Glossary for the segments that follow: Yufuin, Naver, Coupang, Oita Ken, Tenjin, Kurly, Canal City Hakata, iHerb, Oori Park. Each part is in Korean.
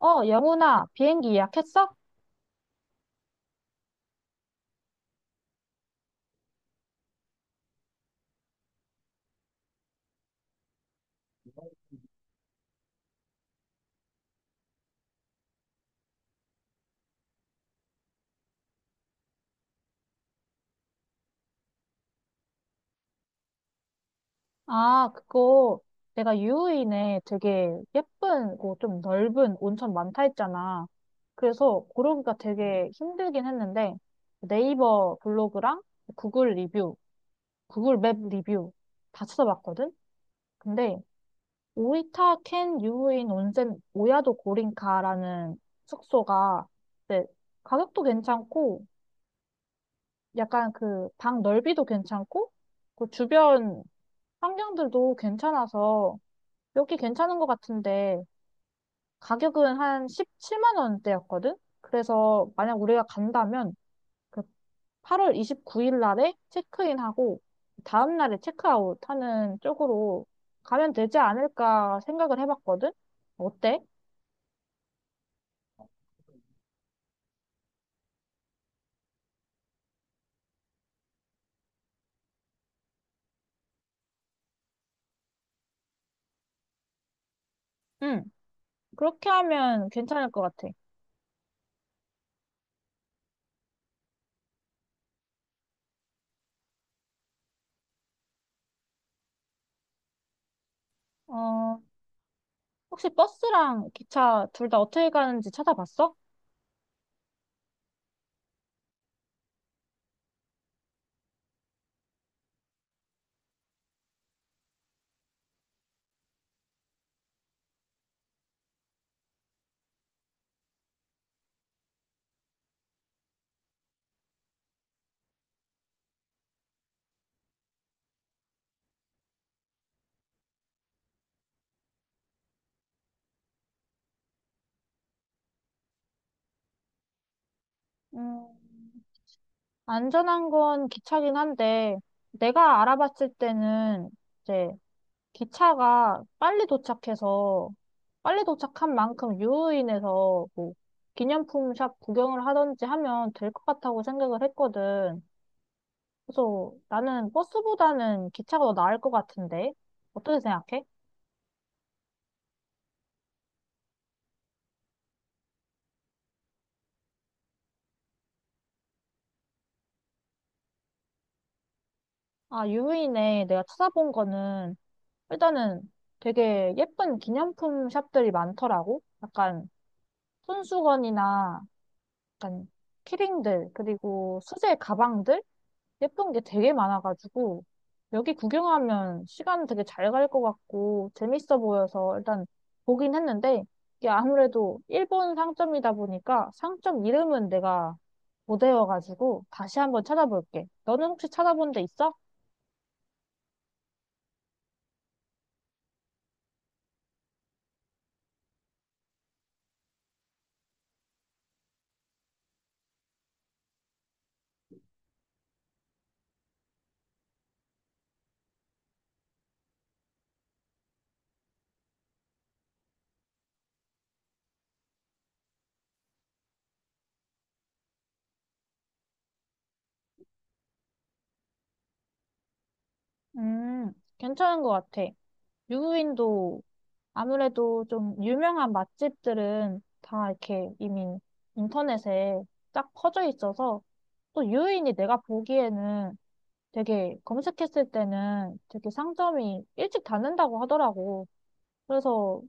영훈아, 비행기 예약했어? 아, 그거 내가 유후인에 되게 예쁜, 고 좀 넓은 온천 많다 했잖아. 그래서 고르기가 되게 힘들긴 했는데 네이버 블로그랑 구글 리뷰, 구글 맵 리뷰 다 찾아봤거든? 근데 오이타 켄 유후인 온센 오야도 고린카라는 숙소가 이제 가격도 괜찮고 약간 그 방 넓이도 괜찮고 그 주변 환경들도 괜찮아서 여기 괜찮은 것 같은데 가격은 한 17만 원대였거든? 그래서 만약 우리가 간다면 그 8월 29일 날에 체크인하고 다음 날에 체크아웃 하는 쪽으로 가면 되지 않을까 생각을 해봤거든? 어때? 응, 그렇게 하면 괜찮을 것 같아. 어, 혹시 버스랑 기차 둘 다 어떻게 가는지 찾아봤어? 음, 안전한 건 기차긴 한데, 내가 알아봤을 때는 이제 기차가 빨리 도착해서, 빨리 도착한 만큼 유후인해서 뭐 기념품 샵 구경을 하던지 하면 될 것 같다고 생각을 했거든. 그래서 나는 버스보다는 기차가 더 나을 것 같은데, 어떻게 생각해? 아, 유후인에 내가 찾아본 거는 일단은 되게 예쁜 기념품 샵들이 많더라고. 약간 손수건이나 약간 키링들, 그리고 수제 가방들? 예쁜 게 되게 많아가지고, 여기 구경하면 시간 되게 잘 갈 것 같고, 재밌어 보여서 일단 보긴 했는데, 이게 아무래도 일본 상점이다 보니까 상점 이름은 내가 못 외워가지고 다시 한번 찾아볼게. 너는 혹시 찾아본 데 있어? 괜찮은 것 같아. 유후인도 아무래도 좀 유명한 맛집들은 다 이렇게 이미 인터넷에 쫙 퍼져 있어서 또 유인이 내가 보기에는 되게 검색했을 때는 되게 상점이 일찍 닫는다고 하더라고. 그래서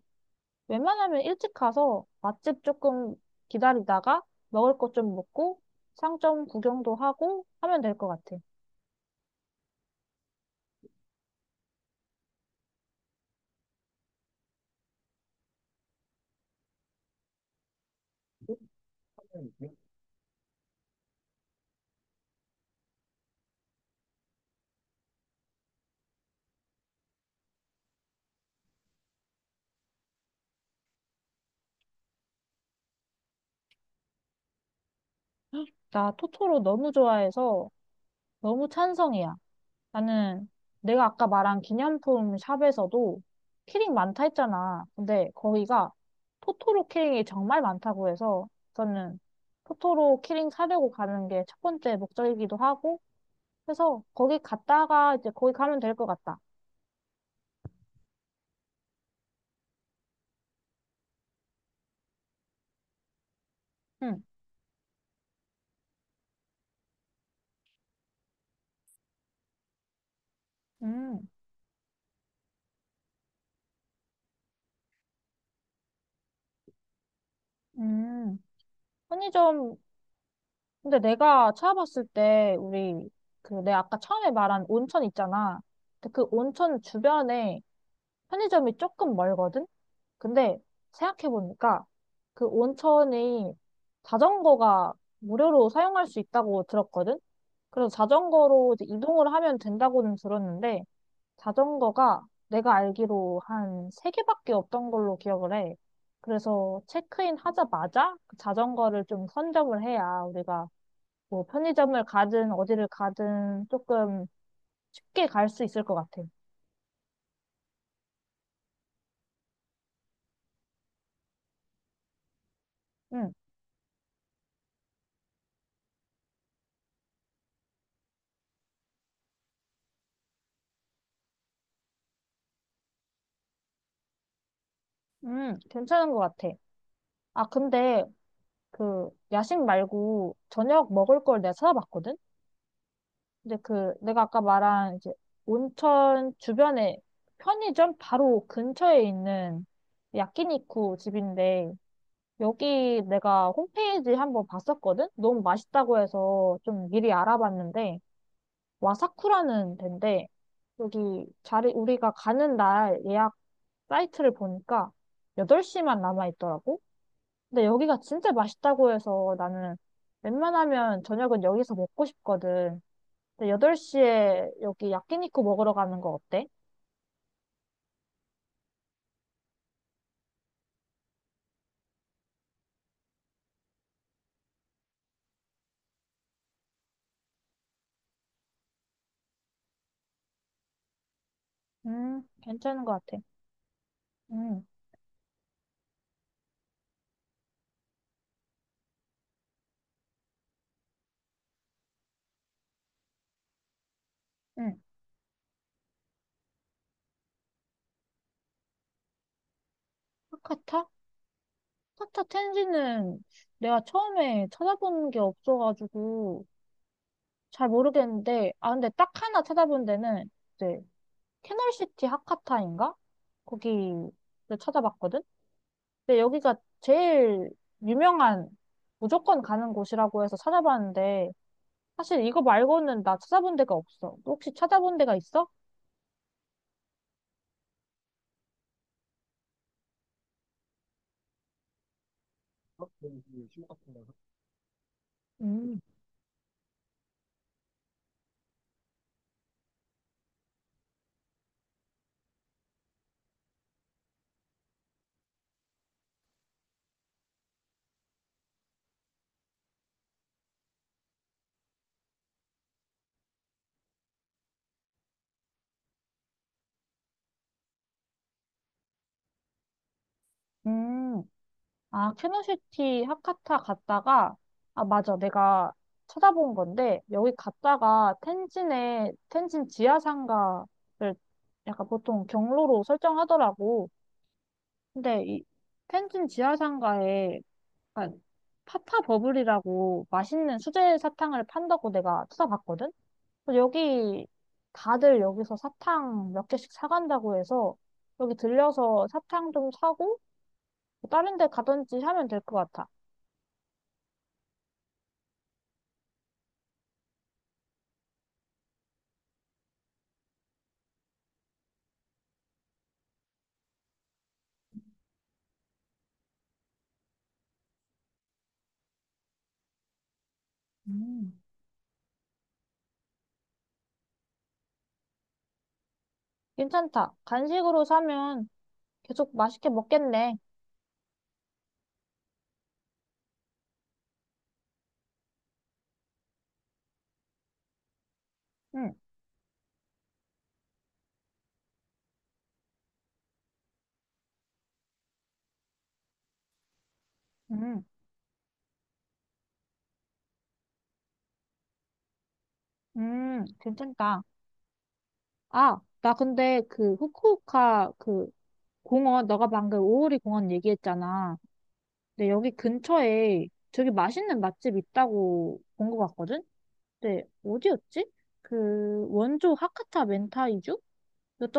웬만하면 일찍 가서 맛집 조금 기다리다가 먹을 것 좀 먹고 상점 구경도 하고 하면 될 것 같아. 나 토토로 너무 좋아해서 너무 찬성이야. 나는 내가 아까 말한 기념품 샵에서도 키링 많다 했잖아. 근데 거기가 토토로 키링이 정말 많다고 해서 저는 토토로 키링 사려고 가는 게 첫 번째 목적이기도 하고 그래서 거기 갔다가 이제 거기 가면 될 것 같다. 응. 음. 음. 편의점 근데 내가 찾아봤을 때 우리 그 내가 아까 처음에 말한 온천 있잖아. 근데 그 온천 주변에 편의점이 조금 멀거든. 근데 생각해보니까 그 온천이 자전거가 무료로 사용할 수 있다고 들었거든? 그래서 자전거로 이제 이동을 하면 된다고는 들었는데 자전거가 내가 알기로 한 세개밖에 없던 걸로 기억을 해. 그래서 체크인 하자마자 그 자전거를 좀 선점을 해야 우리가 뭐 편의점을 가든 어디를 가든 조금 쉽게 갈 수 있을 것 같아. 응, 응, 괜찮은 것 같아. 아, 근데 그 야식 말고 저녁 먹을 걸 내가 찾아봤거든? 근데 그 내가 아까 말한 이제 온천 주변에 편의점 바로 근처에 있는 야끼니쿠 집인데 여기 내가 홈페이지 한번 봤었거든? 너무 맛있다고 해서 좀 미리 알아봤는데 와사쿠라는 데인데 여기 자리 우리가 가는 날 예약 사이트를 보니까 8시만 남아 있더라고. 근데 여기가 진짜 맛있다고 해서 나는 웬만하면 저녁은 여기서 먹고 싶거든. 근데 8시에 여기 야끼니쿠 먹으러 가는 거 어때? 괜찮은 것 같아. 음, 음. 하카타? 하카타 텐지는 내가 처음에 찾아본 게 없어가지고 잘 모르겠는데, 아, 근데 딱 하나 찾아본 데는 이제 캐널시티 하카타인가? 거기 찾아봤거든? 근데 여기가 제일 유명한 무조건 가는 곳이라고 해서 찾아봤는데 사실 이거 말고는 나 찾아본 데가 없어. 혹시 찾아본 데가 있어? 음. 음, 아, 캐노시티 하카타 갔다가, 아, 맞아. 내가 찾아본 건데, 여기 갔다가 텐진에, 텐진 지하상가를 약간 보통 경로로 설정하더라고. 근데 이 텐진 지하상가에 아, 파파 버블이라고 맛있는 수제 사탕을 판다고 내가 찾아봤거든? 그래서 여기 다들 여기서 사탕 몇 개씩 사간다고 해서 여기 들려서 사탕 좀 사고 뭐 다른 데 가든지 하면 될 것 같아. 음. 괜찮다. 간식으로 사면 계속 맛있게 먹겠네. 응, 응, 응, 괜찮다. 아, 나 근데 그 후쿠오카 그 공원, 너가 방금 오오리 공원 얘기했잖아. 근데 여기 근처에 되게 맛있는 맛집 있다고 본 것 같거든? 근데 어디였지? 그 원조 하카타 멘타이주였던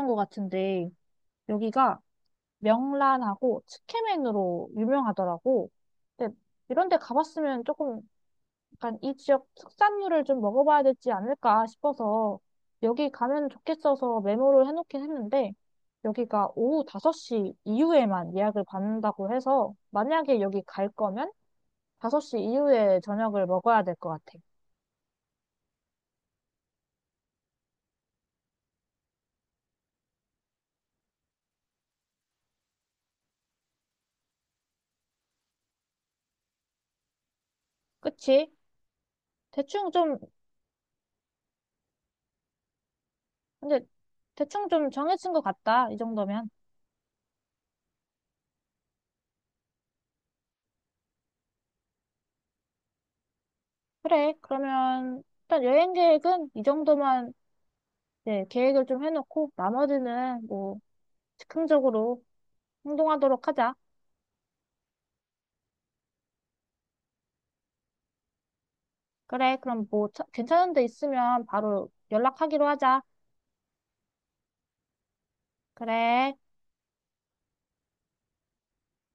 것 같은데 여기가 명란하고 츠케멘으로 유명하더라고. 근데 이런 데 가봤으면 조금 약간 이 지역 특산물을 좀 먹어봐야 되지 않을까 싶어서 여기 가면 좋겠어서 메모를 해놓긴 했는데 여기가 오후 5시 이후에만 예약을 받는다고 해서 만약에 여기 갈 거면 5시 이후에 저녁을 먹어야 될 것 같아. 그치? 대충 좀, 근데 대충 좀 정해진 것 같다. 이 정도면. 그래. 그러면 일단 여행 계획은 이 정도만 네, 계획을 좀 해놓고 나머지는 뭐 즉흥적으로 행동하도록 하자. 그래. 그럼 뭐 차- 괜찮은 데 있으면 바로 연락하기로 하자. 그래.